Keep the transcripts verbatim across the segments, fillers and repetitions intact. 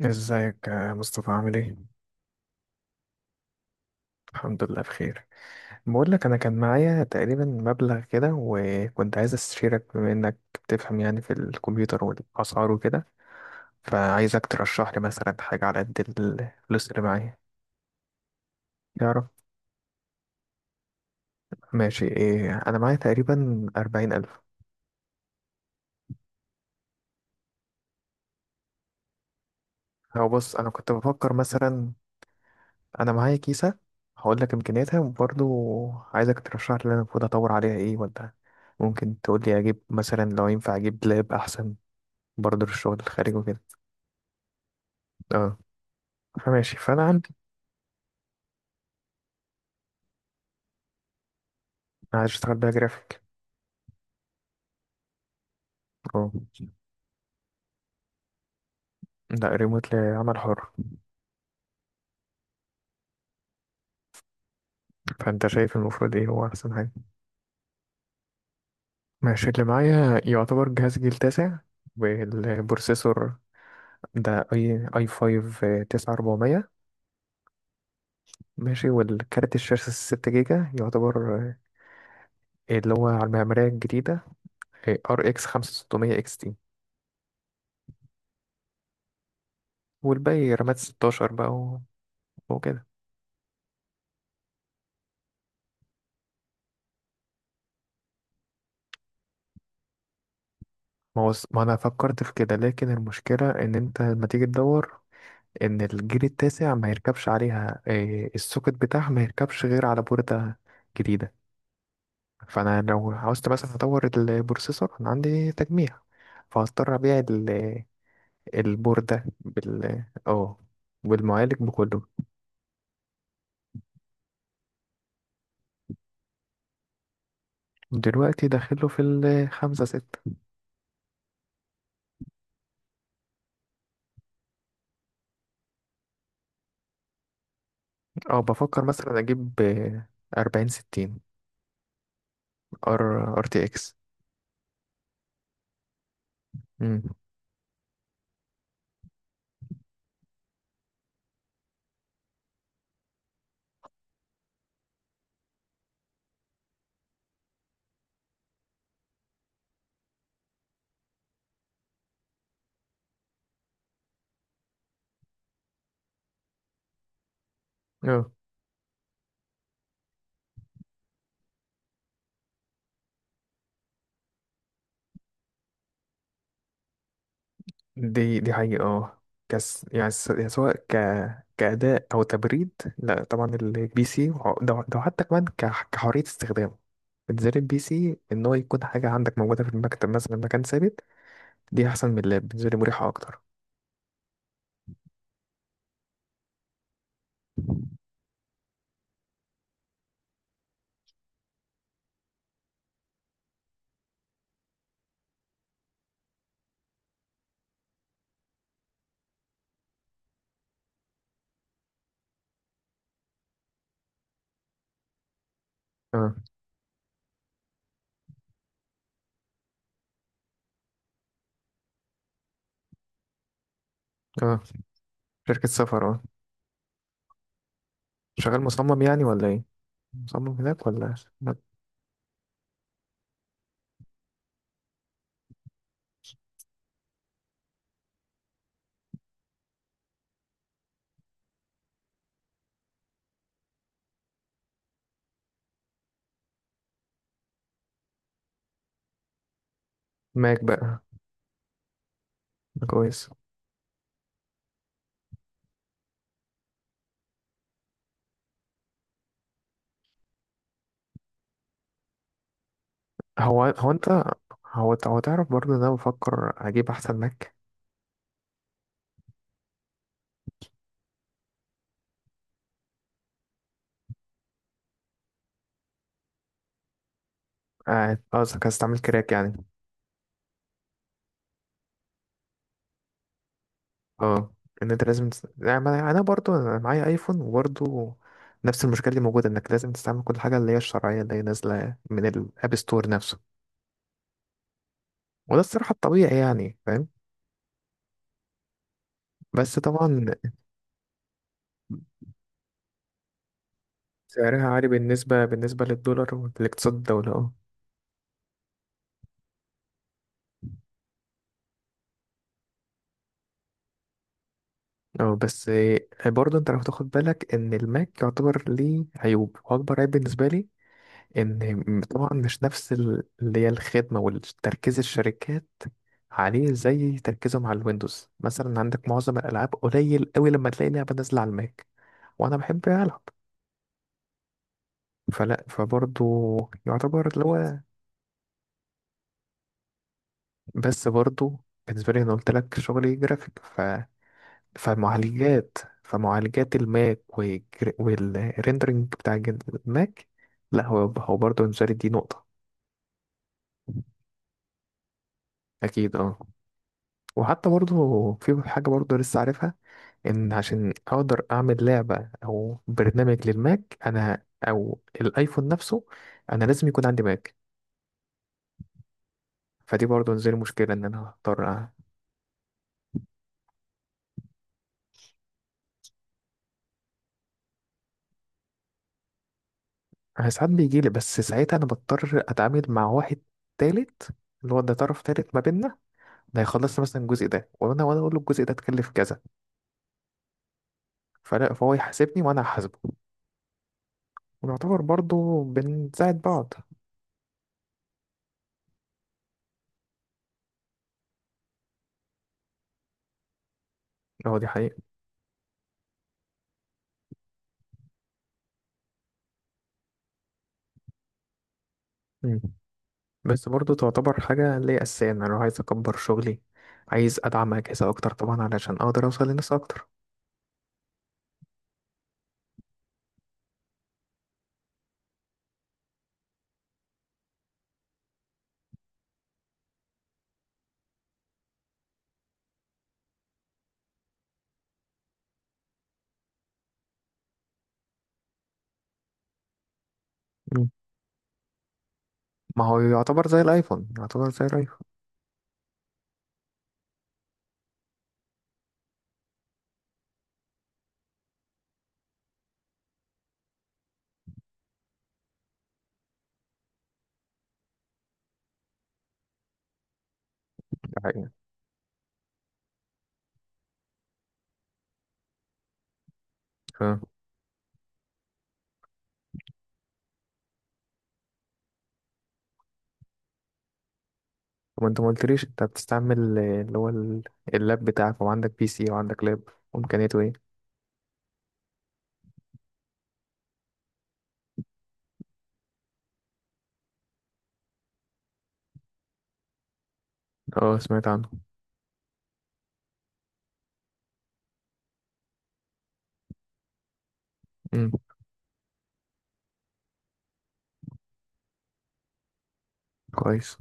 ازيك يا مصطفى، عامل ايه؟ الحمد لله بخير. بقول لك، انا كان معايا تقريبا مبلغ كده، وكنت عايز استشيرك بما انك بتفهم يعني في الكمبيوتر والاسعار وكده. فعايزك ترشح لي مثلا حاجة على قد الفلوس اللي معايا. يعرف. ماشي. ايه، انا معايا تقريبا أربعين ألف. هو بص، انا كنت بفكر مثلا، انا معايا كيسة، هقول لك امكانياتها، وبرضه عايزك ترشح لي انا المفروض اطور عليها ايه، ولا ممكن تقول لي اجيب مثلا لو ينفع اجيب لاب احسن برضه للشغل الخارجي وكده. اه. فماشي، فانا عندي. عايز اشتغل بقى جرافيك. اه. لا، ريموت، لعمل حر. فانت شايف المفروض ايه هو احسن حاجه؟ ماشي، اللي معايا يعتبر جهاز جيل تاسع، والبروسيسور ده اي اي خمسة تسعة أربعمية. ماشي، والكارت الشاشه ستة جيجا يعتبر، آه، اللي هو على المعماريه الجديده، ار اكس خمسة آلاف وستمية اكس تي، والباقي رامات ستة عشر بقى و- وكده. ما هو ما انا فكرت في كده، لكن المشكله ان انت لما تيجي تدور ان الجيل التاسع ما يركبش عليها، آه، السوكت بتاعها ما يركبش غير على بوردة جديدة. فانا لو عاوزت مثلا اطور البروسيسور، انا عندي تجميع، فهضطر ابيع ال- البوردة بال اه والمعالج بكله. دلوقتي داخله في الخمسة ستة. اه، بفكر مثلا اجيب أربعين ستين، ار ار تي اكس. دي دي حقيقة. اه، كس يعني س- يعني سواء ك كأداء أو تبريد، لا طبعا البي سي وع- ده ده حتى كمان كح- كحرية استخدام. بالنسبة لي البي سي، إن هو يكون حاجة عندك موجودة في المكتب مثلا، مكان ثابت، دي أحسن من اللاب. بالنسبة لي مريحة أكتر. اه. اه، شركة سفر. اه. شغال مصمم يعني ولا ايه؟ مصمم هناك ولا ماك؟ ماك بقى؟ كويس. هو هو انت، هو هو تعرف برضه إن أنا بفكر أجيب أحسن ماك. اه. آه، قصدك هستعمل كراك يعني. اه. ان انت لازم تس... يعني ما- انا برضو، انا معايا ايفون، وبرضو نفس المشكله دي موجوده، انك لازم تستعمل كل حاجه اللي هي الشرعيه، اللي هي نازله من الاب ستور نفسه. وده الصراحه الطبيعي يعني، فاهم. بس طبعا سعرها عالي بالنسبه بالنسبه للدولار والاقتصاد الدوله. اه. اه، بس برضو انت لو تاخد بالك ان الماك يعتبر ليه عيوب، واكبر عيب بالنسبه لي ان طبعا مش نفس ال- اللي هي الخدمه والتركيز الشركات عليه زي تركيزهم على الويندوز. مثلا عندك معظم الالعاب قليل قوي لما تلاقي لعبه نازله على الماك. وانا بحب العب، فلا فبرضه يعتبر اللي هو. بس برضه بالنسبه لي انا قلت لك شغلي جرافيك، ف فمعالجات فمعالجات الماك، والجر- والريندرنج بتاع الجن- الماك، لا هو هو برضه بالنسبه لي دي نقطه. اكيد اه. وحتى برضه في حاجة برضه لسه عارفها، إن عشان أقدر أعمل لعبة أو برنامج للماك أنا، أو الأيفون نفسه، أنا لازم يكون عندي ماك. فدي برضه نزل مشكلة إن أنا هضطر أ- أنا ساعات بيجيلي، بس ساعتها أنا بضطر أتعامل مع واحد تالت، اللي هو ده طرف تالت ما بيننا. ده هيخلص لي مثلا الجزء ده، وأنا وأنا أقول له الجزء ده تكلف كذا. فلا فهو يحاسبني وأنا هحاسبه، ونعتبر برضه بنساعد بعض. أه دي حقيقة. مم. بس برضو تعتبر حاجة اللي هي أساسية، إن أنا لو عايز أكبر شغلي، عايز أدعم أجهزة أكتر طبعا علشان أقدر أوصل لناس أكتر. مم. ما هو يعتبر زي الأيفون، يعتبر زي الأيفون. ده حقيقة. اه. وأنت ما قلتليش أنت بتستعمل، آه، اللي هو ال- اللاب بتاعك، وعندك بي سي وعندك لاب، وإمكانياته إيه؟ أه، سمعت عنه. أمم. كويس.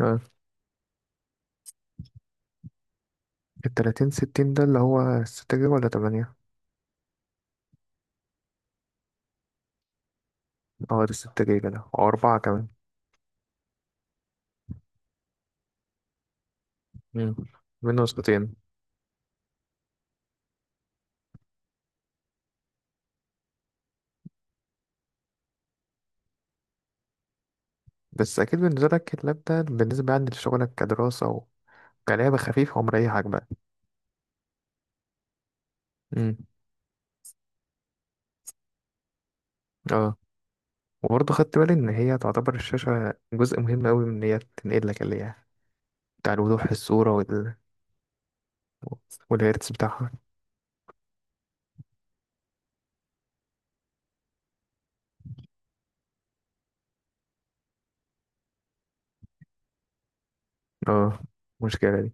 أه. التلاتين ستين ده اللي هو ستة جيجا ولا تمانية؟ أه، ده ستة جيجا ده، أو أربعة كمان. أمم. منه نسختين. بس أكيد بالنسبة لك اللاب ده، بالنسبة يعني لشغلك، كدراسة، كلعبة خفيفة ومريحة، عجبة. امم. اه، وبرضه خدت بالي إن هي تعتبر الشاشة جزء مهم أوي، من إن هي تنقل لك اللي هي بتاع الوضوح في الصورة وال... والهيرتز بتاعها. اه. مشكلة دي.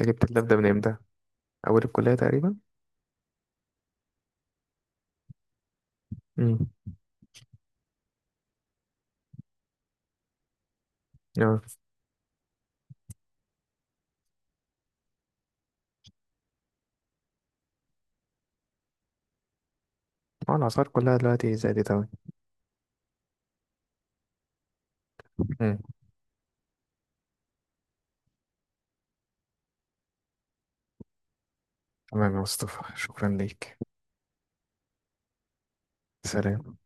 أنت جبت اللاب ده من إمتى؟ أول الكلية تقريبا؟ امم. اه. آه، الأسعار كلها دلوقتي زادت أوي. امم. تمام يا مصطفى، شكرا ليك. سلام.